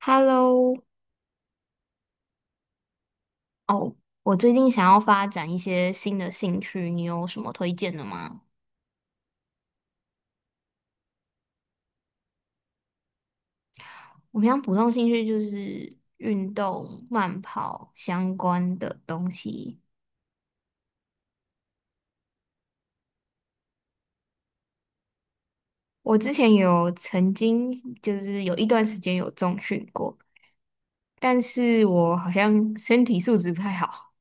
Hello,哦，我最近想要发展一些新的兴趣，你有什么推荐的吗？我平常普通兴趣就是运动、慢跑相关的东西。我之前曾经有一段时间有重训过，但是我好像身体素质不太好。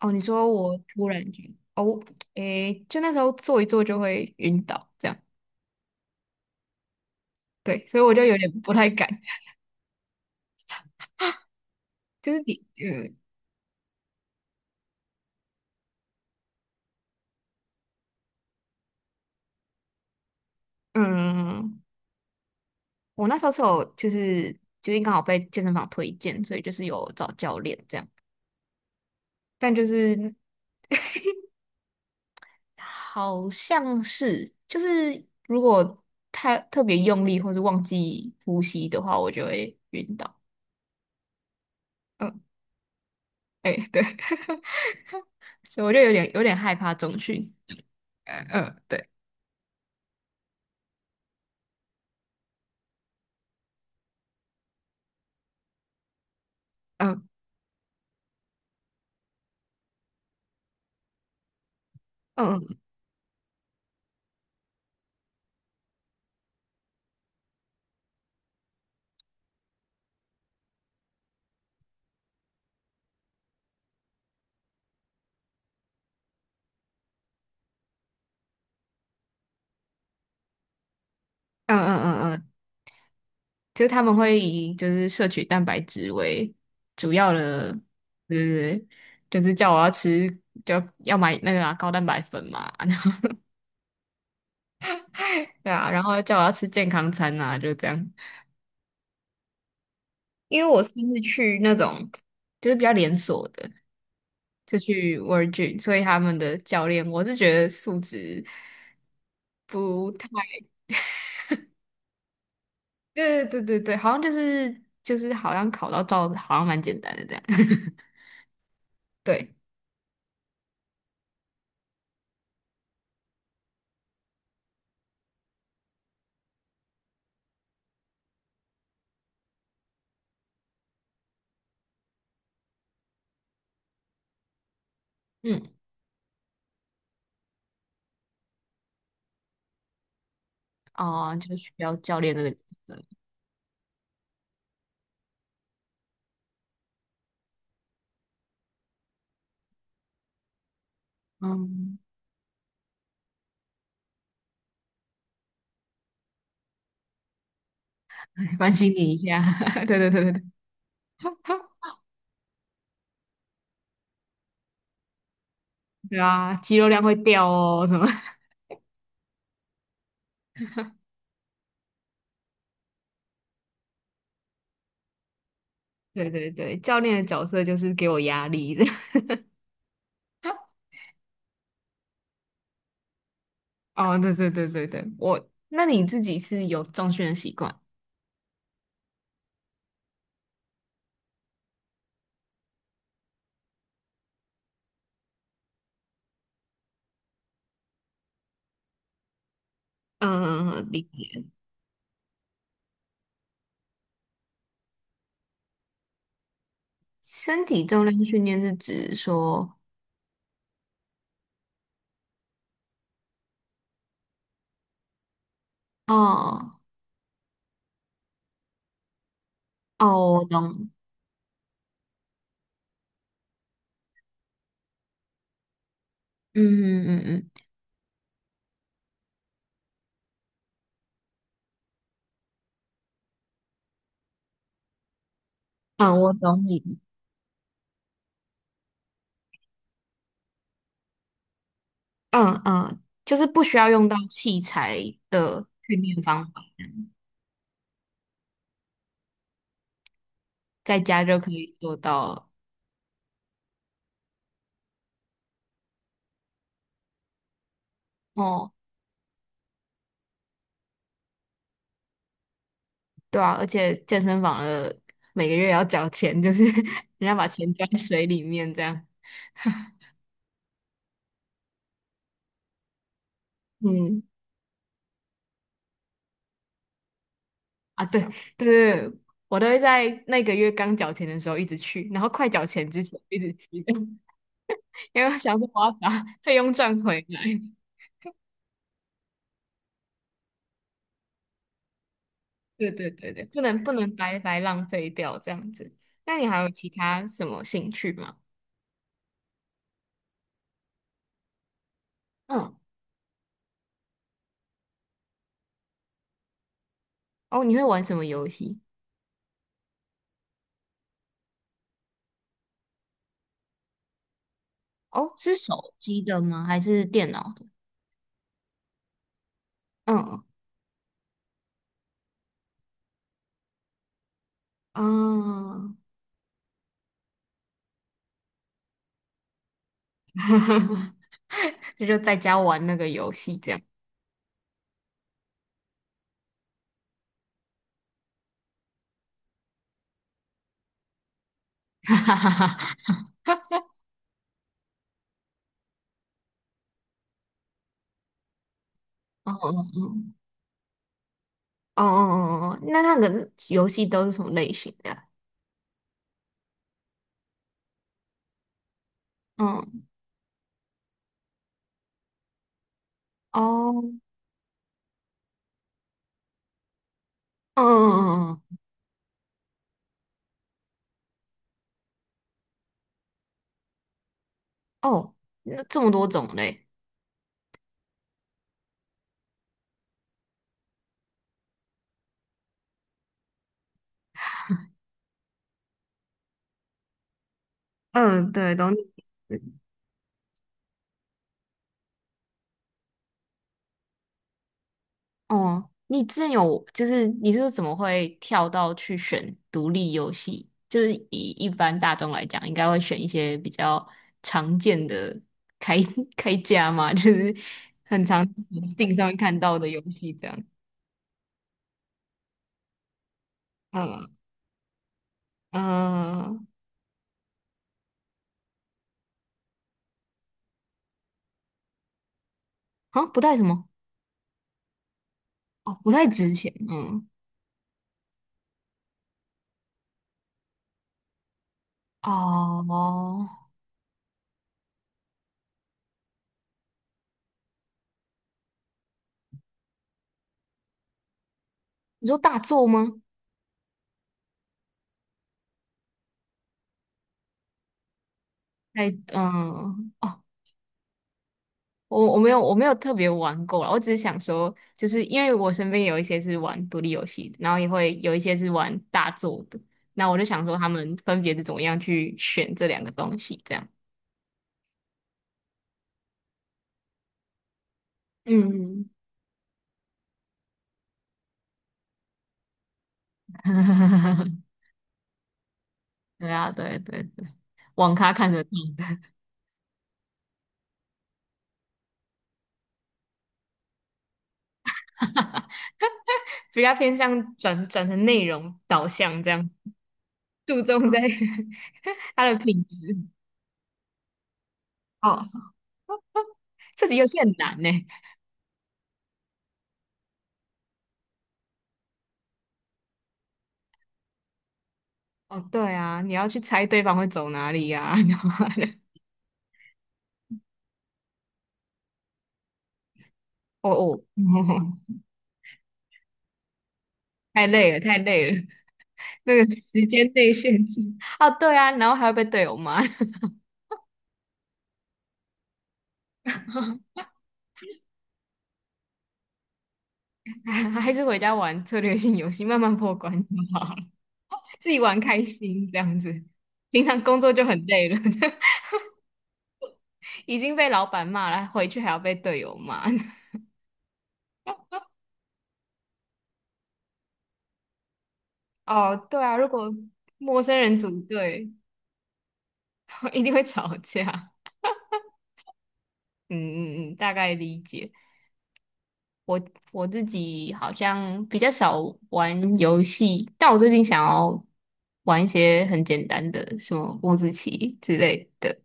哦，你说我突然就哦，诶，就那时候做一做就会晕倒，这样，对，所以我就有点不太敢，就是你，嗯。嗯，我那时候是有就是最近刚好被健身房推荐，所以就是有找教练这样，但就是好像是就是如果太特别用力或是忘记呼吸的话，我就会晕倒。嗯，哎、对，所以我就有点害怕中训。嗯嗯，对，嗯嗯嗯嗯嗯嗯嗯，就是他们会以就是摄取蛋白质为主要的，对对对就是叫我要吃，就要买那个啊高蛋白粉嘛，啊对啊，然后叫我要吃健康餐啊，就这样。因为我算是去那种就是比较连锁的，就去 Virgin,所以他们的教练我是觉得素质不太，对对对对，好像就是好像考到照好像蛮简单的这样。对，嗯，哦、就是需要教练这个角色，嗯，哎关心你一下，对对对对对。对啊，肌肉量会掉哦，什么？对对对，教练的角色就是给我压力的。哦，对对对对对，我，那你自己是有重训的习惯？嗯，理解。身体重量训练是指说，哦哦，我懂，嗯嗯嗯嗯嗯，我懂你的嗯嗯，就是不需要用到器材的训练方法，在家就可以做到。哦，对啊，而且健身房的每个月要缴钱，就是 人家把钱捐水里面这样。嗯啊，对对对，对我都会在那个月刚缴钱的时候一直去，然后快缴钱之前一直去，因为我想说我要把 费用赚回来。对对对对，不能白白浪费掉这样子。那你还有其他什么兴趣吗？嗯，哦，你会玩什么游戏？哦，是手机的吗？还是电脑的？嗯嗯，啊就在家玩那个游戏这样。哦哦哦。哦哦哦哦，哦，那那个游戏都是什么类型的啊嗯哦，嗯嗯嗯嗯，嗯哦，那这么多种类嗯，对，都，哦。你之前有就是你是怎么会跳到去选独立游戏？就是以一般大众来讲，应该会选一些比较常见的开 开价嘛，就是很常 s t 上面看到的游戏这样。嗯嗯，好像不太什么哦，不太值钱。嗯哦，你说大作吗？在嗯，哦，我我没有我没有特别玩过啦，我只是想说，就是因为我身边有一些是玩独立游戏的，然后也会有一些是玩大作的，那我就想说他们分别是怎么样去选这两个东西，这样。嗯，对啊，对对对，网咖看得懂，比较偏向转成内容导向这样，注重在 它的品质。哦，这题游戏很难呢。哦，对啊，你要去猜对方会走哪里呀、然后还 哦哦，太累了，太累了，那个时间内限制。哦，对啊，然后还要被队友骂，还还是回家玩策略性游戏，慢慢破关就好，自己玩开心这样子。平常工作就很累了，已经被老板骂了，回去还要被队友骂。哦，对啊，如果陌生人组队，一定会吵架。嗯嗯嗯，大概理解。我我自己好像比较少玩游戏，但我最近想要玩一些很简单的，什么五子棋之类的。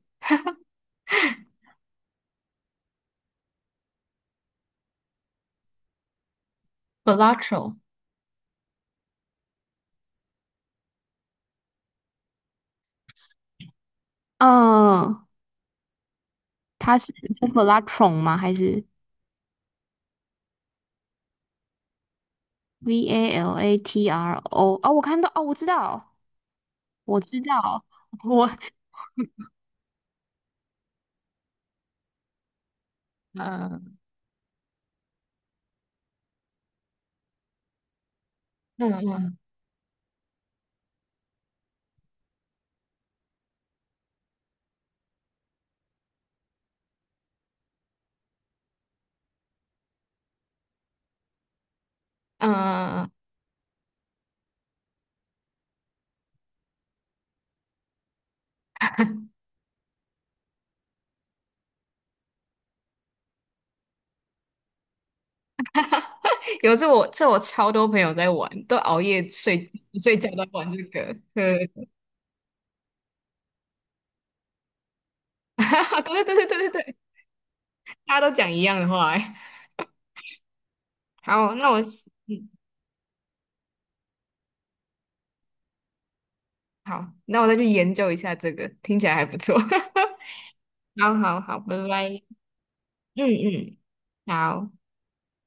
Balatro,嗯，它是 Velatron 吗？还是 VALATRO?哦，我看到，哦，我知道，我知道，我嗯嗯嗯嗯，嗯，有次我这我超多朋友在玩，都熬夜不睡觉都在玩这个。呃，对对对对对对，大家都讲一样的话欸。好，那我嗯，好，那我再去研究一下这个，听起来还不错。好好好，拜拜。嗯嗯，好。